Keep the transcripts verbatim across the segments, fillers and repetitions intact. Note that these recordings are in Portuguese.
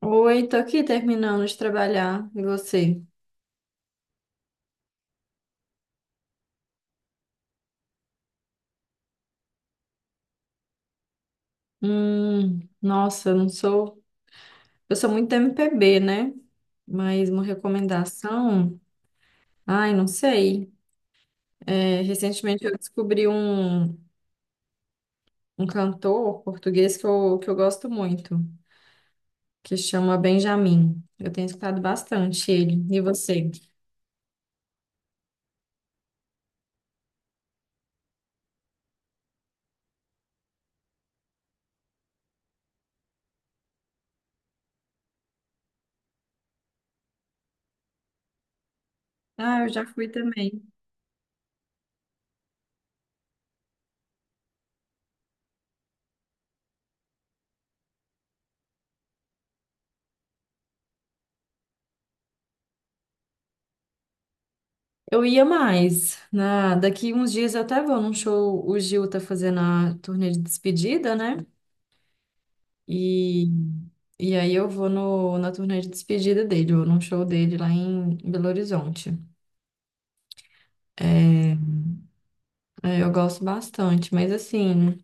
Oi, tô aqui terminando de trabalhar. E você? Hum, nossa, eu não sou. Eu sou muito M P B, né? Mas uma recomendação. Ai, não sei. É, recentemente eu descobri um, um cantor português que eu, que eu gosto muito, que chama Benjamin. Eu tenho escutado bastante ele. E você? Ah, eu já fui também. Eu ia mais. Na, daqui uns dias eu até vou num show. O Gil tá fazendo a turnê de despedida, né? E, e aí eu vou no, na turnê de despedida dele, ou num show dele lá em Belo Horizonte. É, é, eu gosto bastante, mas assim,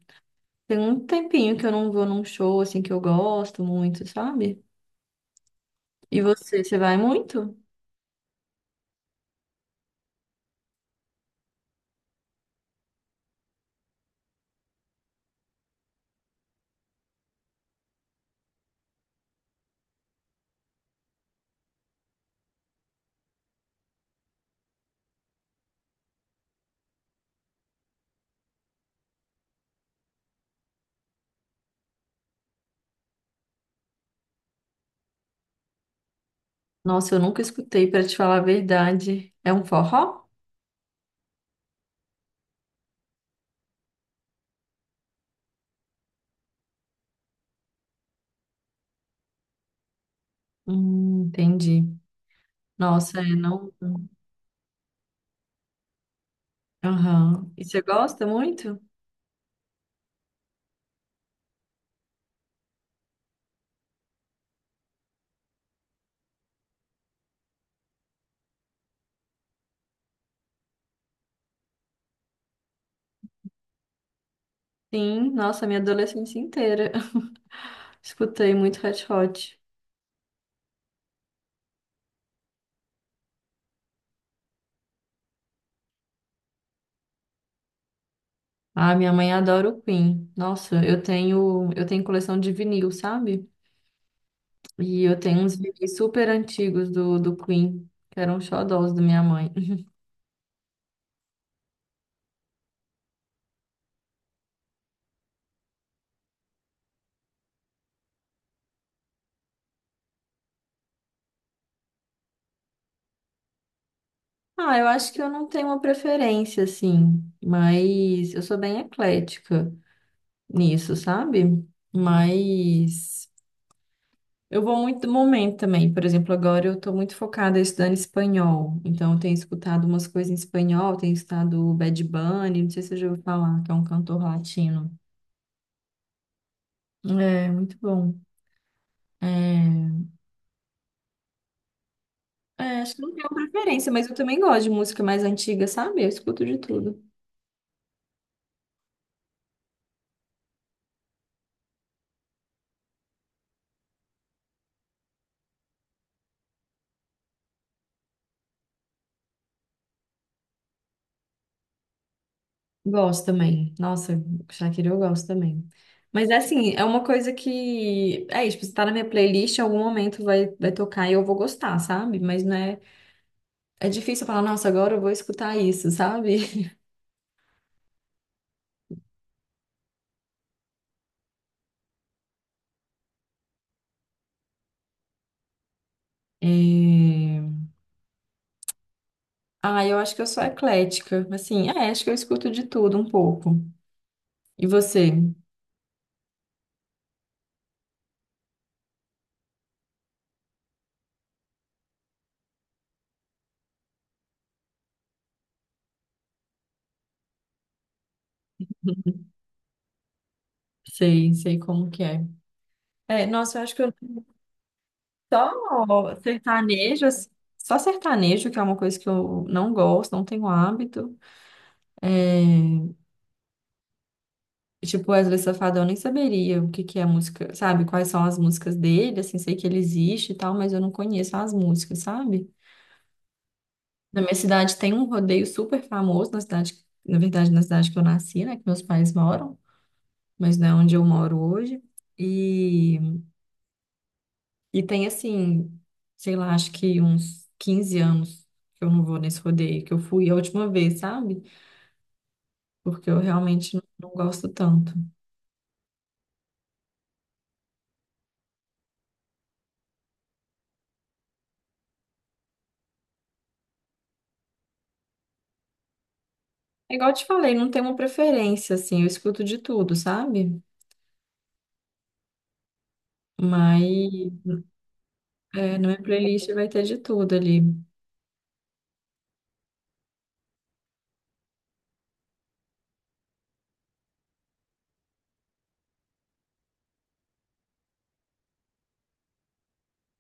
tem um tempinho que eu não vou num show assim que eu gosto muito, sabe? E você, você vai muito? Nossa, eu nunca escutei, pra te falar a verdade. É um forró? Hum, entendi. Nossa, é não. Aham. E você gosta muito? Sim, nossa, minha adolescência inteira. Escutei muito Red Hot. Ah, minha mãe adora o Queen. Nossa, eu tenho, eu tenho coleção de vinil, sabe? E eu tenho uns vinis super antigos do, do Queen, que eram xodós da minha mãe. Ah, eu acho que eu não tenho uma preferência, assim, mas eu sou bem eclética nisso, sabe? Mas eu vou muito do momento também. Por exemplo, agora eu tô muito focada estudando espanhol. Então, eu tenho escutado umas coisas em espanhol, tenho escutado o Bad Bunny, não sei se você já ouviu falar, que é um cantor latino. É, muito bom. É, é, Acho que não tenho preferência, mas eu também gosto de música mais antiga, sabe? Eu escuto de tudo. Gosto também. Nossa, Shakira eu gosto também. Mas é assim, é uma coisa que. É isso, tipo, se tá na minha playlist, em algum momento vai, vai tocar e eu vou gostar, sabe? Mas não é. É difícil eu falar, nossa, agora eu vou escutar isso, sabe? É... Ah, eu acho que eu sou eclética. Assim, é, acho que eu escuto de tudo um pouco. E você? Sei, sei como que é. É, nossa, eu acho que eu. Só sertanejo, assim, só sertanejo, que é uma coisa que eu não gosto, não tenho hábito. É, tipo, Wesley Safadão, eu nem saberia o que que é a música, sabe? Quais são as músicas dele, assim, sei que ele existe e tal, mas eu não conheço as músicas, sabe? Na minha cidade tem um rodeio super famoso, na cidade, na verdade, na cidade que eu nasci, né? Que meus pais moram, mas não é onde eu moro hoje. E E tem assim, sei lá, acho que uns quinze anos que eu não vou nesse rodeio, que eu fui a última vez, sabe? Porque eu realmente não, não gosto tanto. É igual eu te falei, não tem uma preferência, assim, eu escuto de tudo, sabe? Mas é, na minha playlist vai ter de tudo ali.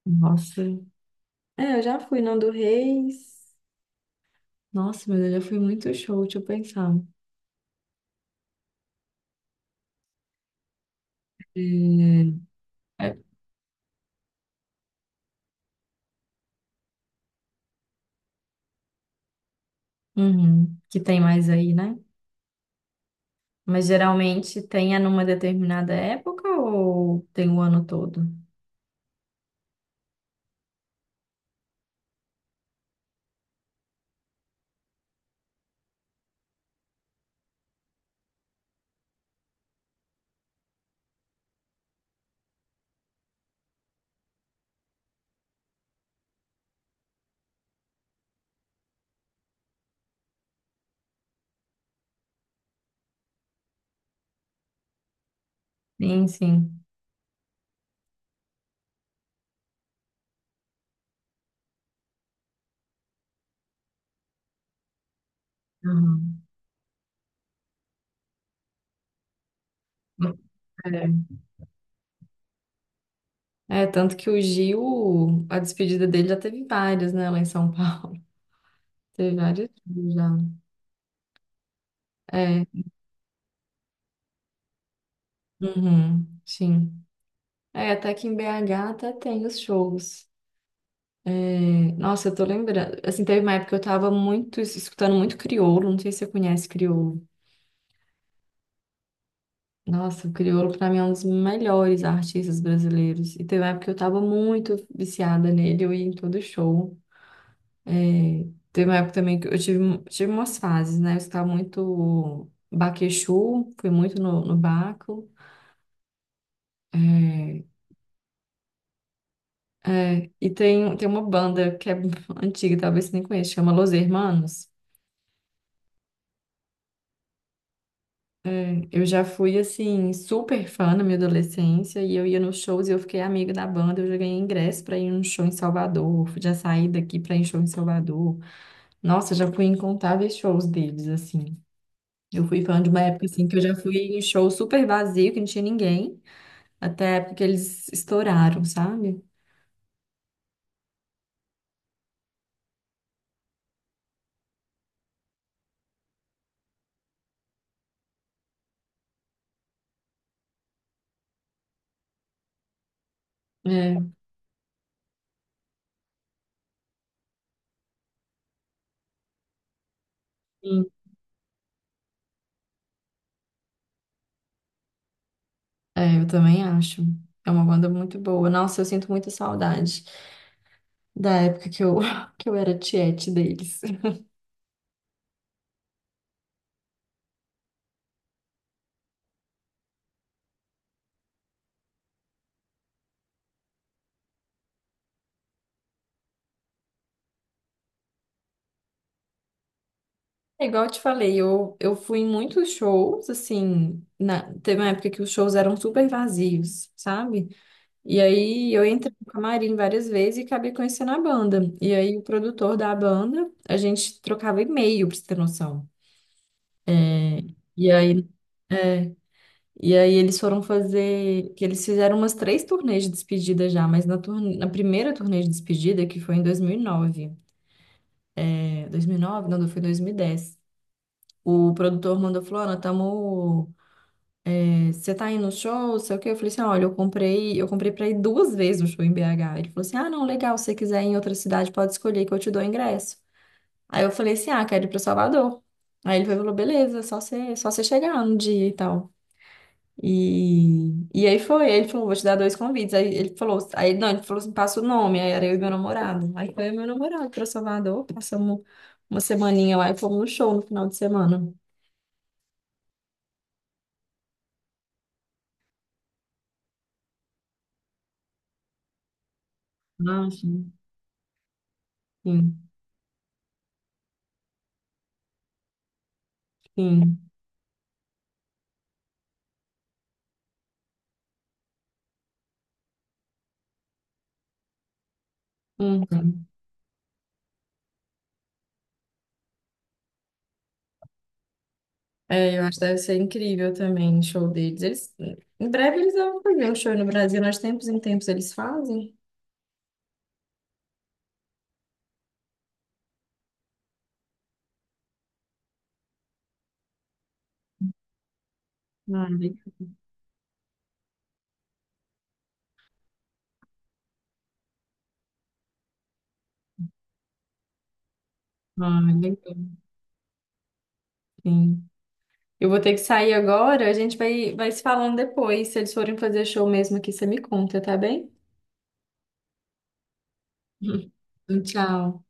Nossa. É, eu já fui Nando Reis. Nossa, mas eu já fui muito show, deixa eu pensar. É, é, uhum, que tem mais aí, né? Mas geralmente tem é numa determinada época ou tem o ano todo? Sim, sim. Uhum. É. É, tanto que o Gil, a despedida dele já teve várias, né, lá em São Paulo. Teve várias já. É, uhum, sim. É, até que em B H até tem os shows. É, nossa, eu tô lembrando. Assim, teve uma época que eu tava muito, escutando muito crioulo, não sei se você conhece crioulo. Nossa, o Criolo pra mim é um dos melhores artistas brasileiros. E teve uma época que eu tava muito viciada nele, eu ia em todo show. É, teve uma época também que eu tive, tive umas fases, né? Eu escutava muito Baquechu, fui muito no, no Baco. É, é, e tem, tem uma banda que é antiga, talvez você nem conheça, chama Los Hermanos. Eu já fui, assim, super fã na minha adolescência e eu ia nos shows e eu fiquei amiga da banda. Eu já ganhei ingresso para ir num show em Salvador, já saí daqui para ir em show em Salvador. Nossa, já fui em incontáveis shows deles, assim. Eu fui fã de uma época, assim, que eu já fui em show super vazio, que não tinha ninguém, até a época que eles estouraram, sabe? É, sim. É, eu também acho. É uma banda muito boa. Nossa, eu sinto muita saudade da época que eu, que eu era tiete deles. É igual eu te falei, eu, eu fui em muitos shows, assim, na, teve uma época que os shows eram super vazios, sabe? E aí eu entrei no camarim várias vezes e acabei conhecendo a banda. E aí o produtor da banda, a gente trocava e-mail, pra você ter noção. E aí, e aí eles foram fazer, que eles fizeram umas três turnês de despedida já, mas na, turn- na primeira turnê de despedida, que foi em dois mil e nove, é, dois mil e nove? Não, foi em dois mil e dez. O produtor mandou, falou, Ana, tamo. Você tá indo no show, sei o quê. Eu falei assim, olha, eu comprei, eu comprei pra ir duas vezes no show em B H. Ele falou assim, ah, não, legal, se você quiser ir em outra cidade, pode escolher que eu te dou o ingresso. Aí eu falei assim, ah, quero ir pra Salvador. Aí ele falou, beleza, só você, só você chegar no dia e tal. E, e aí foi, ele falou, vou te dar dois convites. Aí ele falou, aí não, ele falou assim, passa o nome, aí era eu e meu namorado. Aí foi eu e meu namorado pra Salvador, passamos uma semaninha lá e fomos no show no final de semana. Ah, sim. Sim, sim. Uhum. É, eu acho que deve ser incrível também o show deles. Eles, em breve eles vão fazer um show no Brasil, nós tempos em tempos eles fazem. Ah, legal. Ah, legal. Sim. Eu vou ter que sair agora, a gente vai, vai se falando depois. Se eles forem fazer show mesmo aqui, você me conta, tá bem? Tchau.